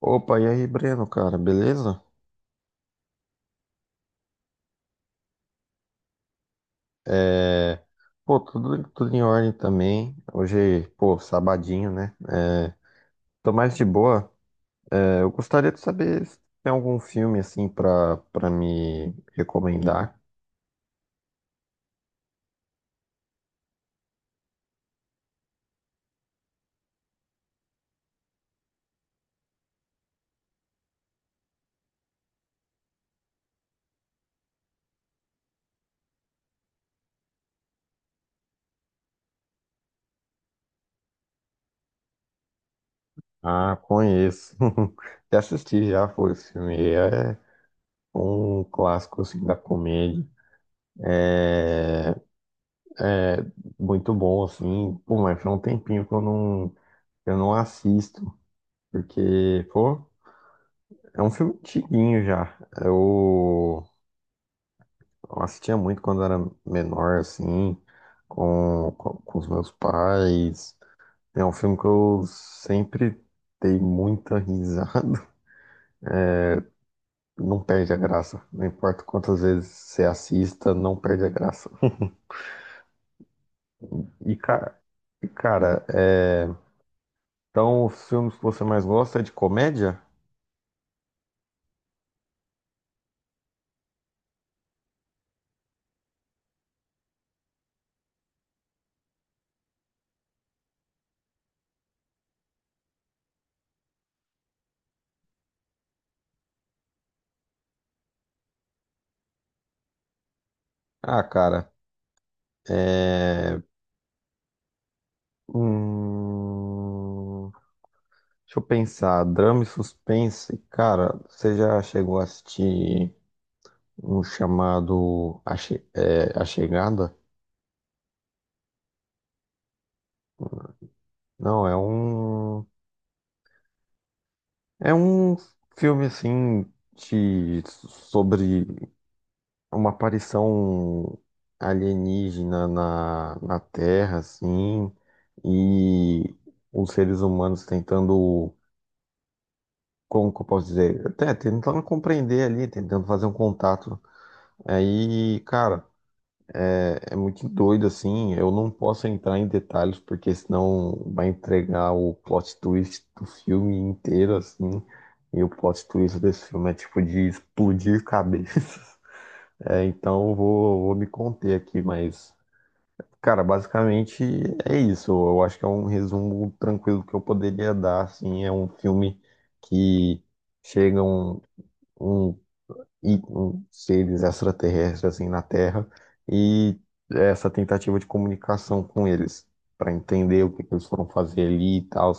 Opa, e aí, Breno, cara, beleza? É, pô, tudo em ordem também. Hoje, pô, sabadinho, né? Tô mais de boa. É, eu gostaria de saber se tem algum filme, assim, pra me recomendar. Ah, conheço. Já assisti, já foi esse filme. É um clássico, assim, da comédia. É muito bom, assim. Pô, mas foi um tempinho que eu não assisto, porque, pô. É um filme antiguinho já. Eu, eu assistia muito quando era menor, assim, com os meus pais. É um filme que eu sempre dei muita risada. Não perde a graça. Não importa quantas vezes você assista, não perde a graça. E, cara, e, cara, é... então os filmes que você mais gosta é de comédia? Ah, cara, é... Hum... deixa eu pensar, drama e suspense. Cara, você já chegou a assistir um chamado A Chegada? Não, é um filme assim de sobre uma aparição alienígena na Terra, assim, e os seres humanos tentando, como que eu posso dizer? Até tentando compreender ali, tentando fazer um contato. Aí, cara. É muito doido, assim. Eu não posso entrar em detalhes, porque senão vai entregar o plot twist do filme inteiro, assim. E o plot twist desse filme é tipo de explodir cabeças. É, então vou me conter aqui, mas, cara, basicamente é isso. Eu acho que é um resumo tranquilo que eu poderia dar, assim. É um filme que chega um, um seres extraterrestres assim na Terra e essa tentativa de comunicação com eles para entender que eles foram fazer ali e tal.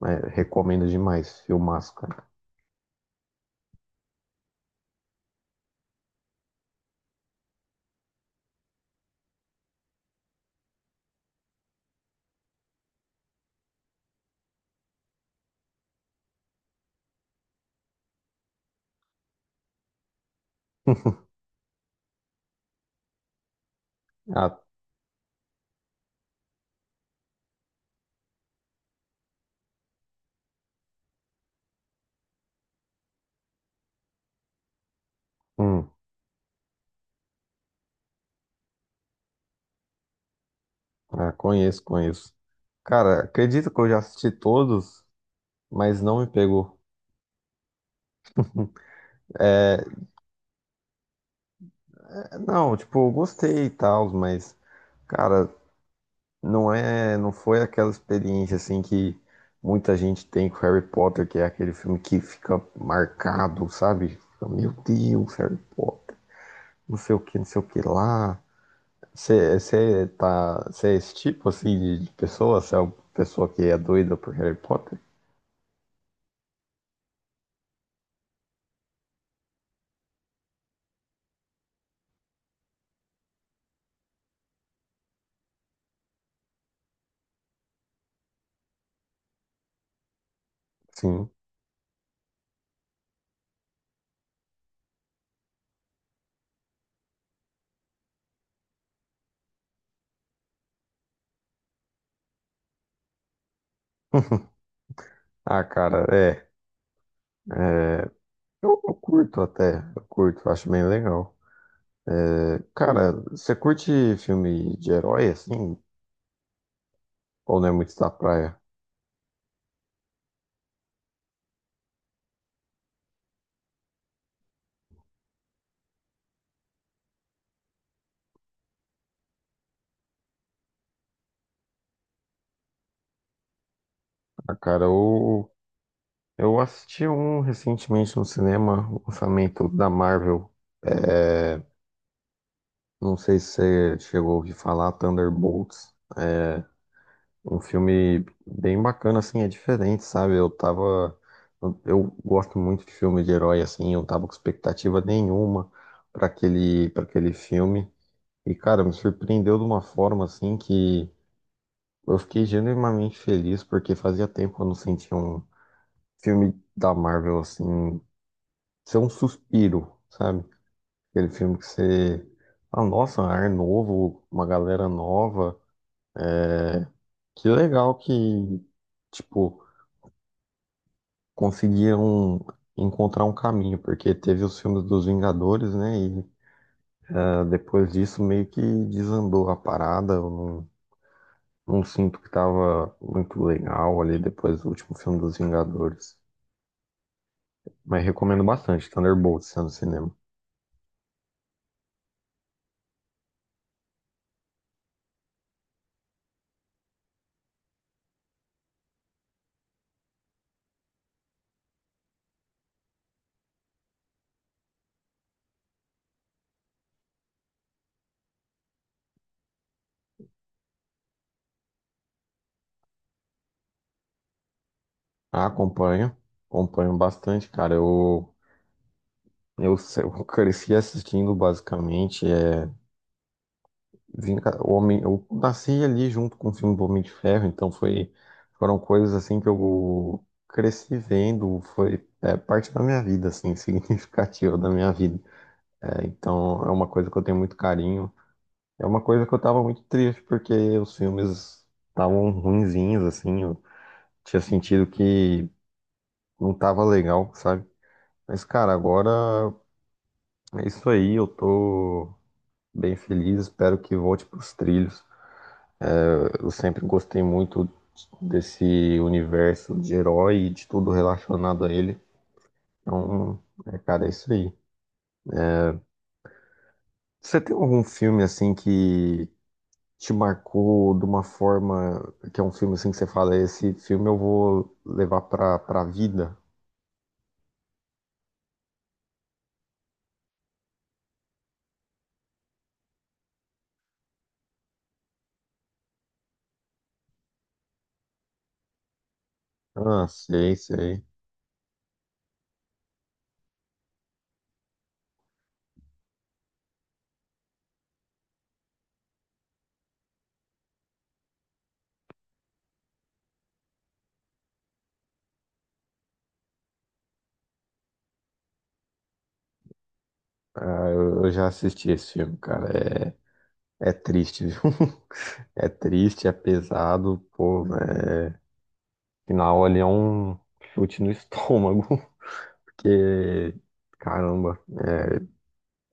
Né? Recomendo demais, filmaço, cara. Ah, hum, ah, conheço, conheço. Cara, acredito que eu já assisti todos, mas não me pegou. É, não, tipo, eu gostei e tal, mas, cara, não é, não foi aquela experiência assim que muita gente tem com Harry Potter, que é aquele filme que fica marcado, sabe? Fica, meu Deus, Harry Potter, não sei o que, não sei o que lá. Você é esse tipo assim de pessoa? Você é uma pessoa que é doida por Harry Potter? Sim. Ah, cara, é. é, eu curto até, eu curto, acho bem legal. É, cara, você curte filme de herói assim? Ou não é muito da praia? Ah, cara, eu assisti um recentemente no cinema, o lançamento da Marvel. É, não sei se você chegou a ouvir falar, Thunderbolts. É um filme bem bacana, assim, é diferente, sabe? Eu tava. Eu gosto muito de filme de herói, assim, eu tava com expectativa nenhuma para aquele filme. E, cara, me surpreendeu de uma forma, assim, que eu fiquei genuinamente feliz, porque fazia tempo que eu não sentia um filme da Marvel, assim. Ser um suspiro, sabe? Aquele filme que você. Ah, nossa, um ar novo, uma galera nova. Que legal que, tipo, conseguiram encontrar um caminho, porque teve os filmes dos Vingadores, né? E ah, depois disso meio que desandou a parada. Eu não, não sinto que tava muito legal ali depois do último filme dos Vingadores. Mas recomendo bastante, Thunderbolts, está no cinema. Ah, acompanho, acompanho bastante, cara. Eu, se- eu cresci assistindo basicamente eu nasci ali junto com o filme do Homem de Ferro, então foi foram coisas assim que eu cresci vendo, foi é, parte da minha vida assim, significativa da minha vida. É, então é uma coisa que eu tenho muito carinho. É uma coisa que eu tava muito triste porque os filmes estavam ruinzinhos assim, eu tinha sentido que não tava legal, sabe? Mas cara, agora é isso aí, eu tô bem feliz, espero que volte para os trilhos. Eu sempre gostei muito desse universo de herói e de tudo relacionado a ele. Então, é, cara, é isso aí. Você tem algum filme assim que te marcou de uma forma que é um filme assim que você fala, esse filme eu vou levar pra vida? Ah, sei, sei. Ah, eu já assisti esse filme, cara. É, é triste, viu? É triste, é pesado, pô, né? Final ali é um chute no estômago, que caramba, é,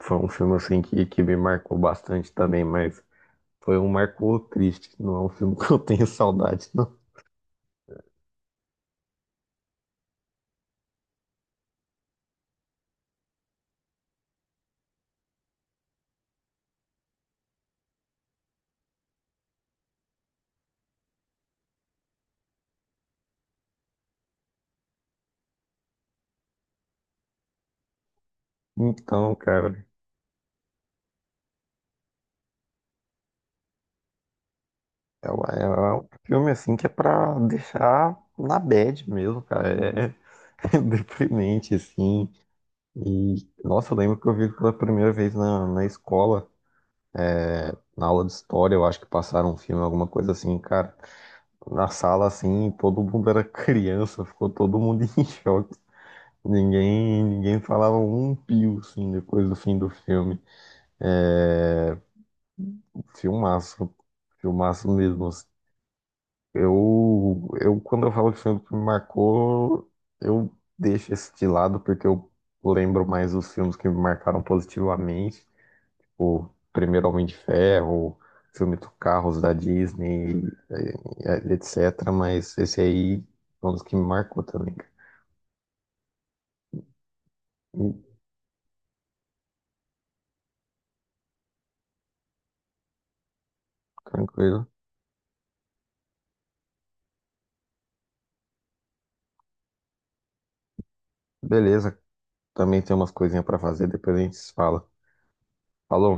foi um filme assim que me marcou bastante também, mas foi um marcou triste, não é um filme que eu tenho saudade, não. Então, cara, é, é um filme assim que é pra deixar na bad mesmo, cara, é deprimente, assim, e, nossa, eu lembro que eu vi pela primeira vez na escola, na aula de história, eu acho que passaram um filme, alguma coisa assim, cara, na sala assim, todo mundo era criança, ficou todo mundo em choque. Ninguém falava um pio, assim, depois do fim do filme. É, filmaço, filmaço mesmo. Assim. Quando eu falo de filme que me marcou, eu deixo esse de lado, porque eu lembro mais dos filmes que me marcaram positivamente. O primeiro Homem de Ferro, o filme do Carros da Disney, eh, etc. Mas esse aí é um dos que me marcou também. Cara. Hum, Tranquilo. Beleza. Também tem umas coisinhas pra fazer, depois a gente se fala. Falou.